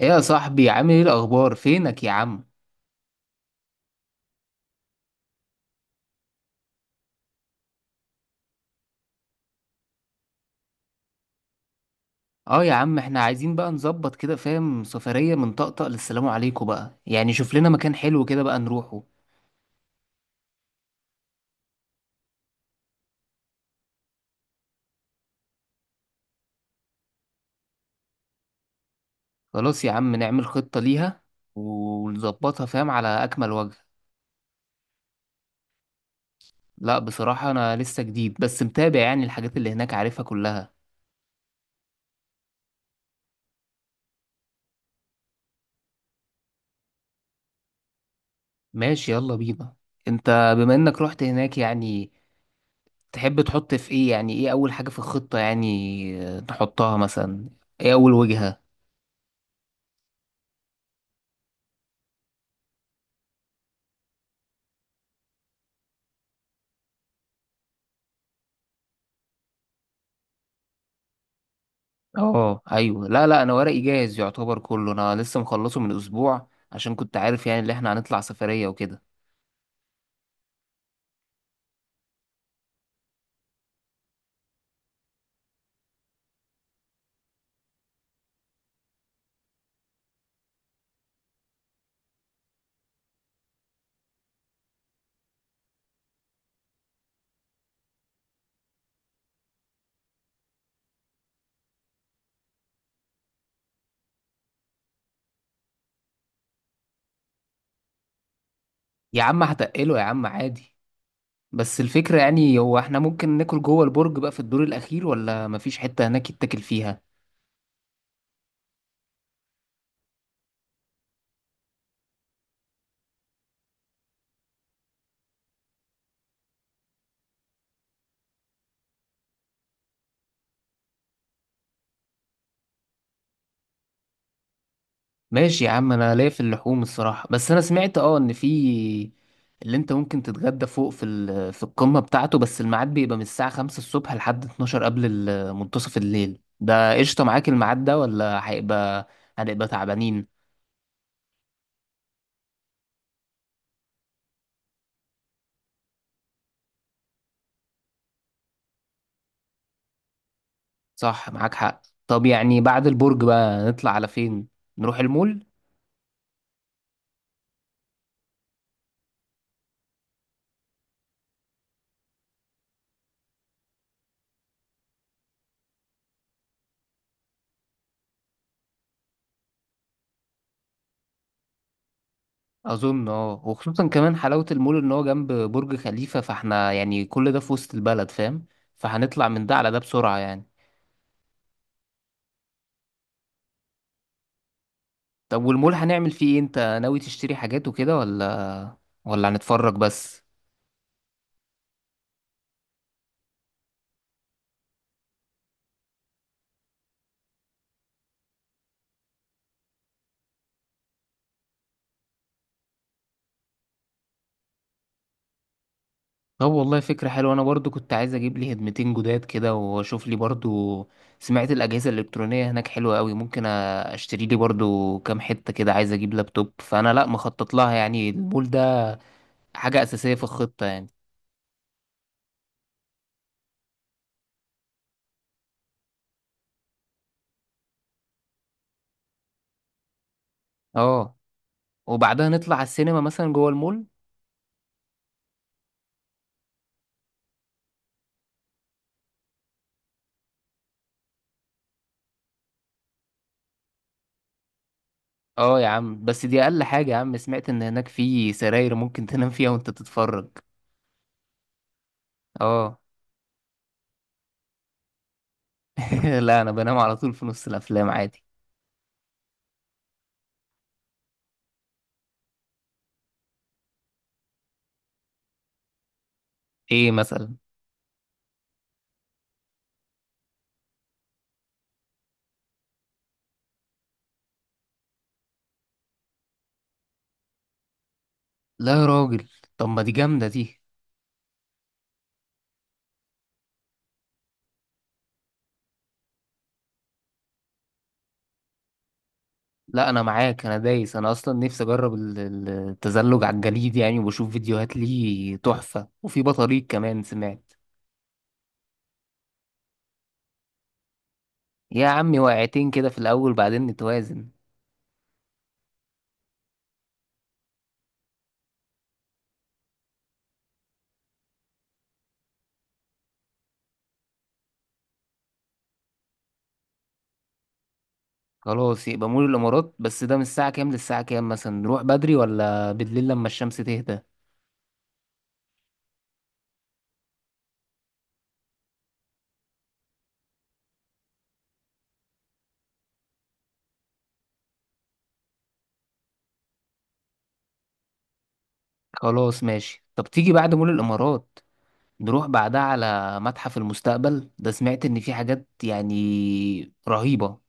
ايه يا صاحبي، عامل ايه؟ الاخبار؟ فينك يا عم؟ اه يا عم احنا عايزين بقى نظبط كده، فاهم؟ سفرية من طقطق للسلام عليكم بقى، يعني شوف لنا مكان حلو كده بقى نروحه. خلاص يا عم نعمل خطة ليها ونظبطها، فاهم، على اكمل وجه. لا بصراحة انا لسه جديد، بس متابع يعني الحاجات اللي هناك، عارفها كلها. ماشي يلا بينا. انت بما انك رحت هناك يعني، تحب تحط في ايه؟ يعني ايه اول حاجة في الخطة يعني؟ نحطها مثلا. ايه اول وجهة؟ اه ايوه، لا لا، انا ورقي جاهز يعتبر كله، انا لسه مخلصه من اسبوع عشان كنت عارف يعني اللي احنا هنطلع سفرية وكده. يا عم هتقله يا عم، عادي. بس الفكرة يعني هو احنا ممكن ناكل جوه البرج بقى في الدور الاخير، ولا مفيش حتة هناك يتاكل فيها؟ ماشي يا عم، انا ليا في اللحوم الصراحة، بس انا سمعت اه ان في اللي انت ممكن تتغدى فوق، في في القمة بتاعته بس الميعاد بيبقى من الساعة 5 الصبح لحد 12 قبل منتصف الليل. ده قشطة معاك الميعاد ده ولا هيبقى هنبقى تعبانين؟ صح معاك حق. طب يعني بعد البرج بقى نطلع على فين؟ نروح المول؟ اظن اه، وخصوصا كمان حلاوة المول ان هو جنب برج خليفة، فاحنا يعني كل ده في وسط البلد، فاهم؟ فهنطلع من ده على ده بسرعة يعني. طب والمول هنعمل فيه ايه؟ انت ناوي تشتري حاجات وكده ولا ولا هنتفرج بس؟ طب والله فكرة حلوة، أنا برضو كنت عايز أجيب لي هدمتين جداد كده وأشوف لي برضو. سمعت الأجهزة الإلكترونية هناك حلوة أوي، ممكن أشتري لي برضو كام حتة كده، عايز أجيب لابتوب، فأنا لأ مخطط لها يعني، المول ده حاجة أساسية في الخطة يعني. أه، وبعدها نطلع على السينما مثلا جوه المول. أه يا عم بس دي أقل حاجة يا عم، سمعت إن هناك في سراير ممكن تنام فيها وأنت تتفرج. أه. لا أنا بنام على طول في نص الأفلام عادي. إيه مثلا؟ لا يا راجل، طب ما دي جامدة دي. لا انا معاك، انا دايس، انا اصلا نفسي اجرب التزلج على الجليد يعني، وبشوف فيديوهات ليه تحفة، وفي بطاريق كمان سمعت. يا عمي، وقعتين كده في الاول بعدين نتوازن. خلاص يبقى مول الامارات. بس ده من الساعة كام للساعة كام؟ مثلا نروح بدري ولا بالليل لما الشمس تهدى؟ خلاص ماشي. طب تيجي بعد مول الامارات نروح بعدها على متحف المستقبل، ده سمعت ان في حاجات يعني رهيبة.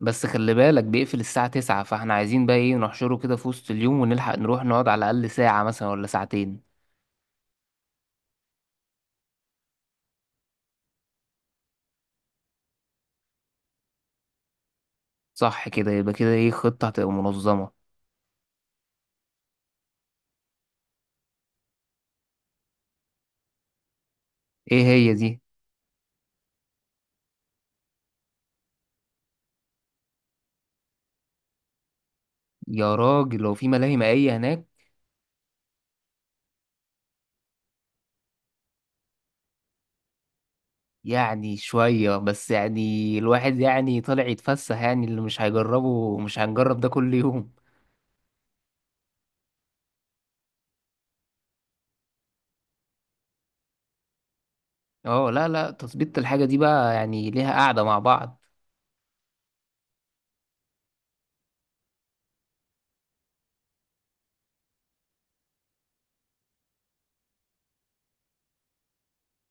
بس خلي بالك بيقفل الساعة تسعة، فاحنا عايزين بقى ايه، نحشره كده في وسط اليوم ونلحق نروح نقعد على الأقل ساعة مثلا ولا ساعتين. صح كده يبقى كده، ايه، خطة هتبقى منظمة. ايه هي دي؟ يا راجل لو في ملاهي مائية هناك. يعني شوية، بس يعني الواحد يعني طالع يتفسح، يعني اللي مش هيجربه، مش هنجرب ده كل يوم. اه لا لا، تظبيط الحاجة دي بقى يعني ليها قعدة مع بعض.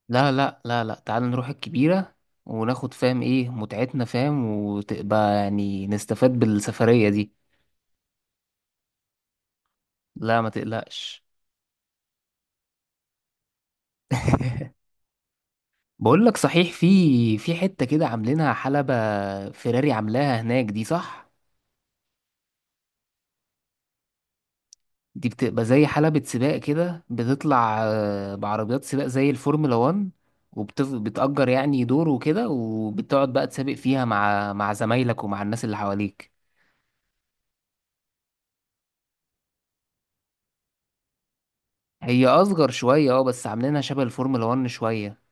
لا لا لا لا، تعال نروح الكبيرة، وناخد فاهم ايه متعتنا، فاهم، وتبقى يعني نستفاد بالسفرية دي. لا ما تقلقش. بقول لك صحيح، في حتة كده عاملينها حلبة فيراري، عاملاها هناك دي، صح؟ دي بتبقى زي حلبة سباق كده، بتطلع بعربيات سباق زي الفورمولا 1، وبتأجر يعني دور وكده، وبتقعد بقى تسابق فيها مع زمايلك ومع الناس اللي حواليك. هي أصغر شوية اه، بس عاملينها شبه الفورمولا 1 شوية.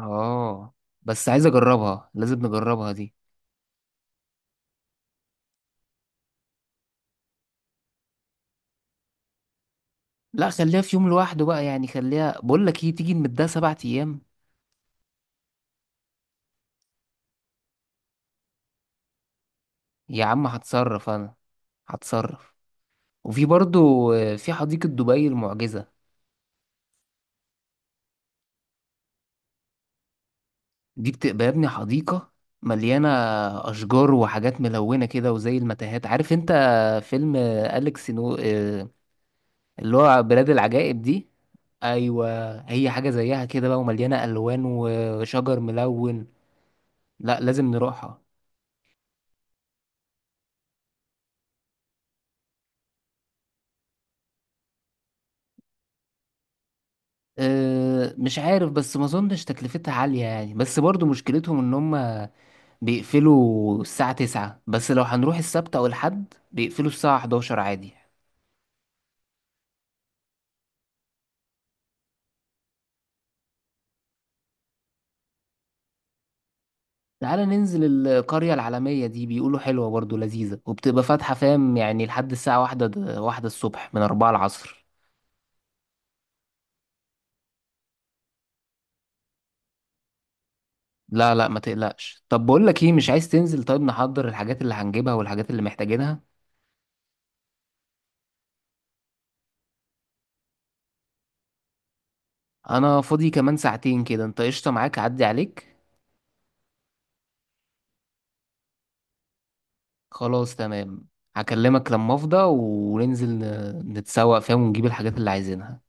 اه بس عايز اجربها، لازم نجربها دي. لا خليها في يوم لوحده بقى، يعني خليها، بقول لك ايه، تيجي نمدها سبع ايام. يا عم هتصرف انا، هتصرف. وفي برضو في حديقة دبي المعجزة. دي بتبقى يا ابني حديقة مليانة أشجار وحاجات ملونة كده، وزي المتاهات، عارف انت فيلم أليكس نو اللي هو بلاد العجائب دي. أيوة، هي حاجة زيها كده بقى، ومليانة ألوان وشجر ملون. لا لازم نروحها. أه مش عارف، بس ما اظنش تكلفتها عالية يعني، بس برضو مشكلتهم ان هم بيقفلوا الساعة 9، بس لو هنروح السبت او الحد بيقفلوا الساعة 11 عادي. تعالى ننزل القرية العالمية، دي بيقولوا حلوة برضو، لذيذة، وبتبقى فاتحة فاهم يعني لحد الساعة واحدة واحدة الصبح من أربعة العصر. لا لا ما تقلقش. طب بقول لك ايه، مش عايز تنزل طيب نحضر الحاجات اللي هنجيبها والحاجات اللي محتاجينها. انا فاضي كمان ساعتين كده، انت قشطة معاك اعدي عليك؟ خلاص تمام. هكلمك لما افضى وننزل نتسوق فيها ونجيب الحاجات اللي عايزينها.